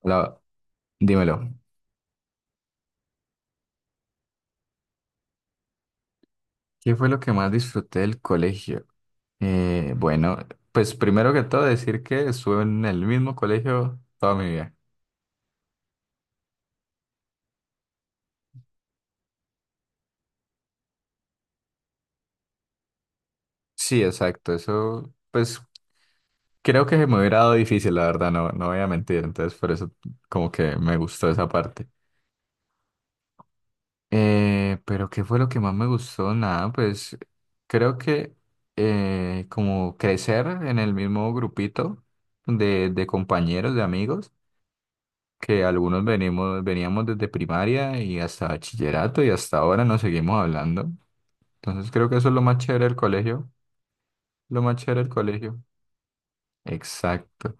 Hola, dímelo. ¿Qué fue lo que más disfruté del colegio? Eh, bueno, pues primero que todo decir que estuve en el mismo colegio toda mi vida. Sí, exacto. Eso, pues creo que se me hubiera dado difícil, la verdad, no, no voy a mentir. Entonces, por eso como que me gustó esa parte. Pero ¿qué fue lo que más me gustó? Nada, pues creo que como crecer en el mismo grupito de compañeros, de amigos. Que algunos venimos, veníamos desde primaria y hasta bachillerato y hasta ahora nos seguimos hablando. Entonces creo que eso es lo más chévere del colegio, lo más chévere del colegio. Exacto.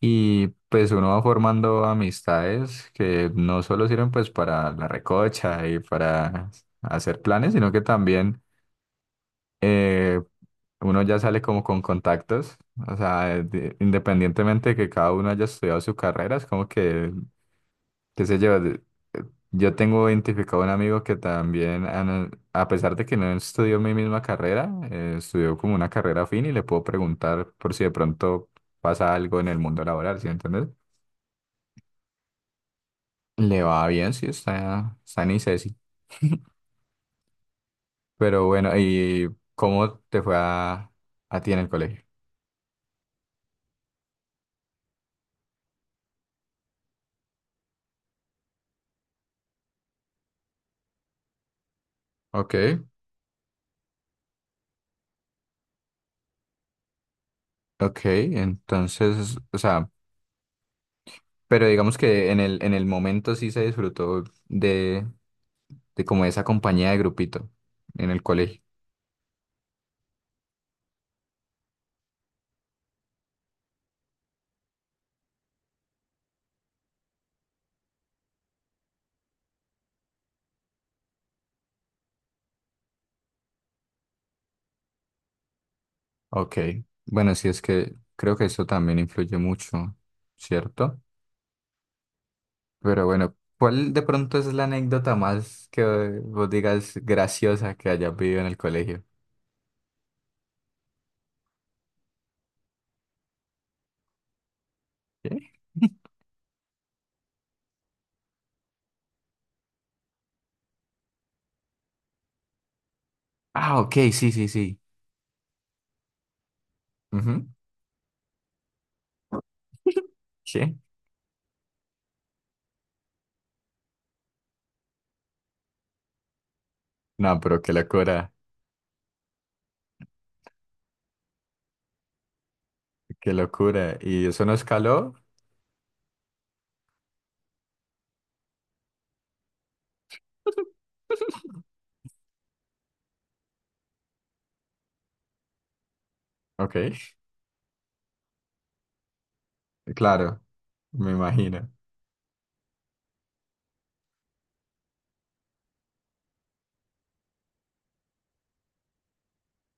Y pues uno va formando amistades que no solo sirven pues para la recocha y para hacer planes, sino que también eh, uno ya sale como con contactos. O sea, independientemente de que cada uno haya estudiado su carrera, es como que qué sé yo, eh, yo tengo identificado un amigo que también, a pesar de que no estudió mi misma carrera, estudió como una carrera afín y le puedo preguntar por si de pronto pasa algo en el mundo laboral, ¿sí entiendes? Le va bien, sí, está en ICESI. Pero bueno, ¿y cómo te fue a ti en el colegio? Ok, ok, entonces, o sea, pero digamos que en en el momento sí se disfrutó de como esa compañía de grupito en el colegio. Ok, bueno, sí es que creo que eso también influye mucho, ¿cierto? Pero bueno, ¿cuál de pronto es la anécdota más que vos digas graciosa que hayas vivido en el colegio? ¿Qué? Ah, ok, sí, sí, sí. Ujú. Sí. No, pero qué locura, qué locura. ¿Y eso no escaló? Ok, claro, me imagino.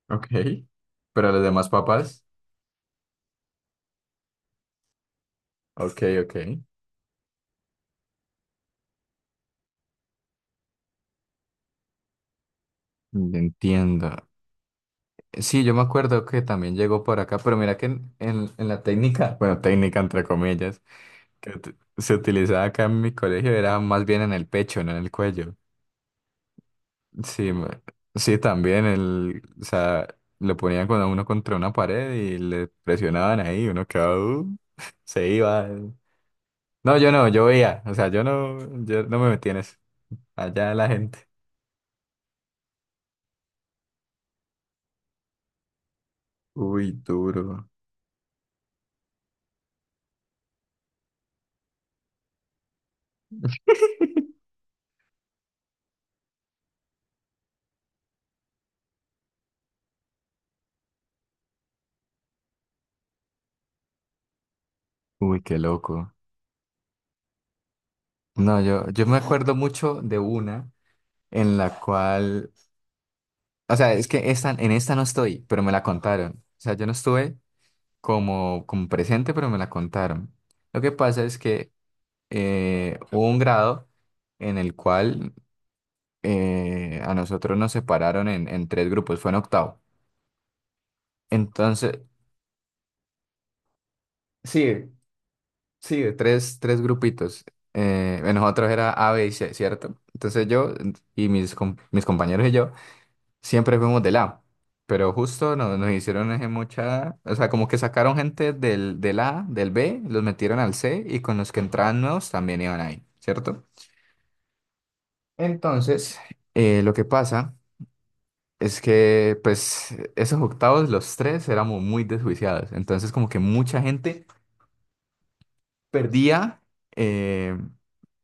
Ok, pero los demás papás, ok, ok. Entiendo. Sí, yo me acuerdo que también llegó por acá, pero mira que en la técnica, bueno, técnica entre comillas, que se utilizaba acá en mi colegio era más bien en el pecho, no en el cuello. Sí, me- sí, también el, o sea, lo ponían con uno contra una pared y le presionaban ahí, uno quedaba, se iba. No, yo no, yo veía, o sea, yo no, yo no me metí en eso. Allá la gente. Uy, duro. Uy, qué loco. No, yo me acuerdo mucho de una, en la cual, o sea, es que esta, en esta no estoy, pero me la contaron. O sea, yo no estuve como, como presente, pero me la contaron. Lo que pasa es que hubo un grado en el cual a nosotros nos separaron en tres grupos, fue en octavo. Entonces, sí, sí, de tres, tres grupitos. En nosotros era A, B y C, ¿cierto? Entonces yo mis compañeros y yo siempre fuimos de A, pero justo nos hicieron ese mucha, o sea, como que sacaron gente del A, del B, los metieron al C y con los que entraban nuevos también iban ahí, ¿cierto? Entonces, lo que pasa es que, pues, esos octavos, los tres, éramos muy desjuiciados, entonces como que mucha gente perdía, eh,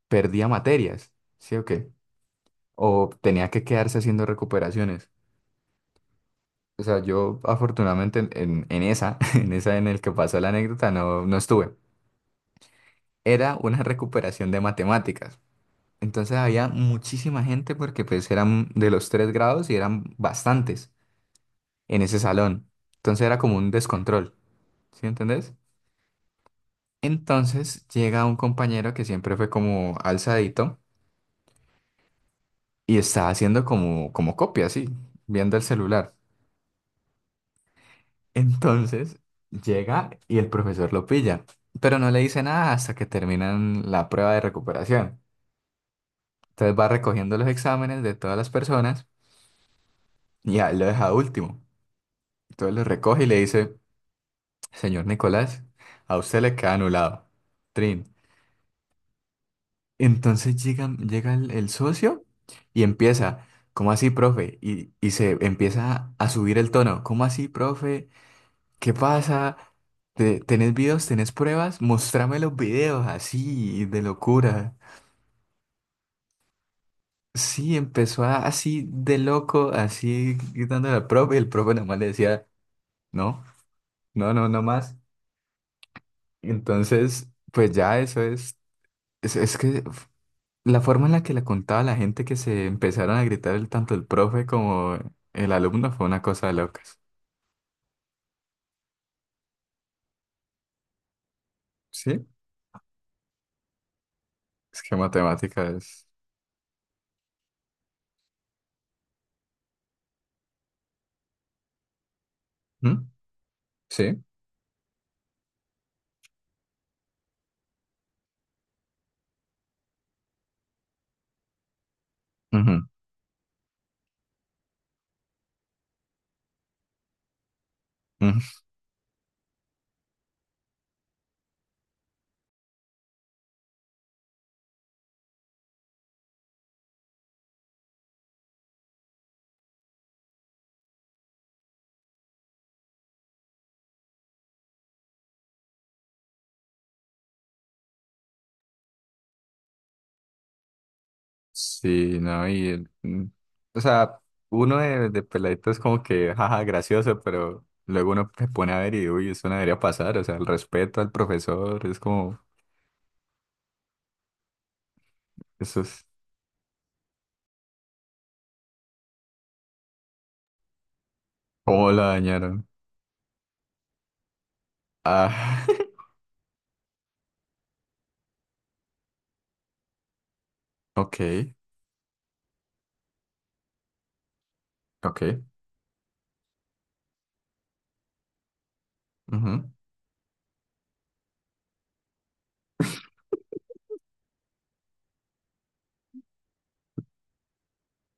perdía materias, ¿sí o qué? O tenía que quedarse haciendo recuperaciones. O sea, yo afortunadamente en esa, en esa en el que pasó la anécdota, no, no estuve. Era una recuperación de matemáticas. Entonces había muchísima gente porque pues eran de los tres grados y eran bastantes en ese salón. Entonces era como un descontrol, ¿sí entendés? Entonces llega un compañero que siempre fue como alzadito y está haciendo como, como copia, así, viendo el celular. Entonces llega y el profesor lo pilla, pero no le dice nada hasta que terminan la prueba de recuperación. Entonces va recogiendo los exámenes de todas las personas y a él lo deja último. Entonces lo recoge y le dice, señor Nicolás, a usted le queda anulado. Trin. Entonces llega, llega el socio y empieza, ¿cómo así, profe? Y se empieza a subir el tono, ¿cómo así, profe? ¿Qué pasa? ¿Tenés videos? ¿Tenés pruebas? Mostrame los videos, así, de locura. Sí, así de loco, así gritándole al profe, y el profe nomás le decía, no, no, no, no más. Entonces, pues ya eso es que f- la forma en la que le contaba a la gente que se empezaron a gritar el, tanto el profe como el alumno fue una cosa de locas. Sí, es que matemática es... ¿Mm? Sí. Ujú, ujú. Sí, no, o sea, uno de peladito es como que, jaja, gracioso, pero luego uno se pone a ver y, uy, eso no debería pasar, o sea, el respeto al profesor, es como, eso es, ¿cómo la dañaron? Ah, ok, ok, ujú.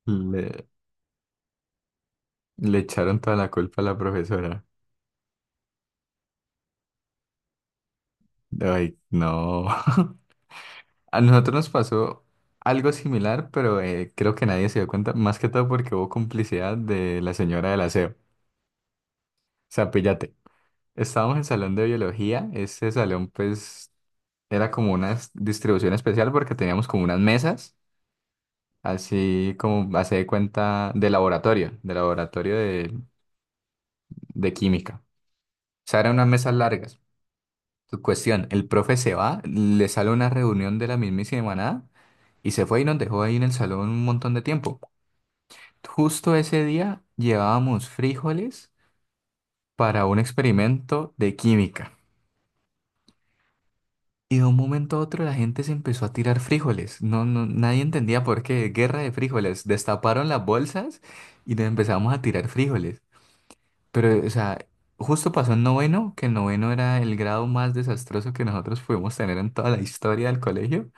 Le, Le echaron toda la culpa a la profesora. Ay, no. A nosotros nos pasó algo similar, pero creo que nadie se dio cuenta, más que todo porque hubo complicidad de la señora del aseo. O sea, píllate. Estábamos en salón de biología. Este salón, pues, era como una distribución especial porque teníamos como unas mesas, así como hace de cuenta de laboratorio, de laboratorio de química. O sea, eran unas mesas largas. Tu cuestión, el profe se va, le sale una reunión de la mismísima nada y se fue y nos dejó ahí en el salón un montón de tiempo. Justo ese día llevábamos frijoles para un experimento de química. Y de un momento a otro la gente se empezó a tirar frijoles. No, no, nadie entendía por qué. Guerra de frijoles. Destaparon las bolsas y nos empezamos a tirar frijoles. Pero, o sea, justo pasó en noveno, que el noveno era el grado más desastroso que nosotros pudimos tener en toda la historia del colegio,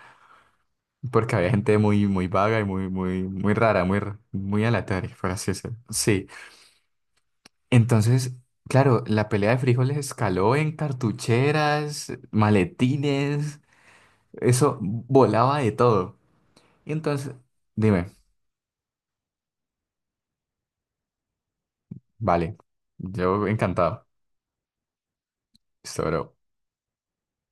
porque había gente muy, muy vaga y muy, muy, muy rara, muy aleatoria, por así decirlo. Sí. Entonces, claro, la pelea de frijoles escaló en cartucheras, maletines, eso volaba de todo. Y entonces, dime, vale, yo encantado. Sobre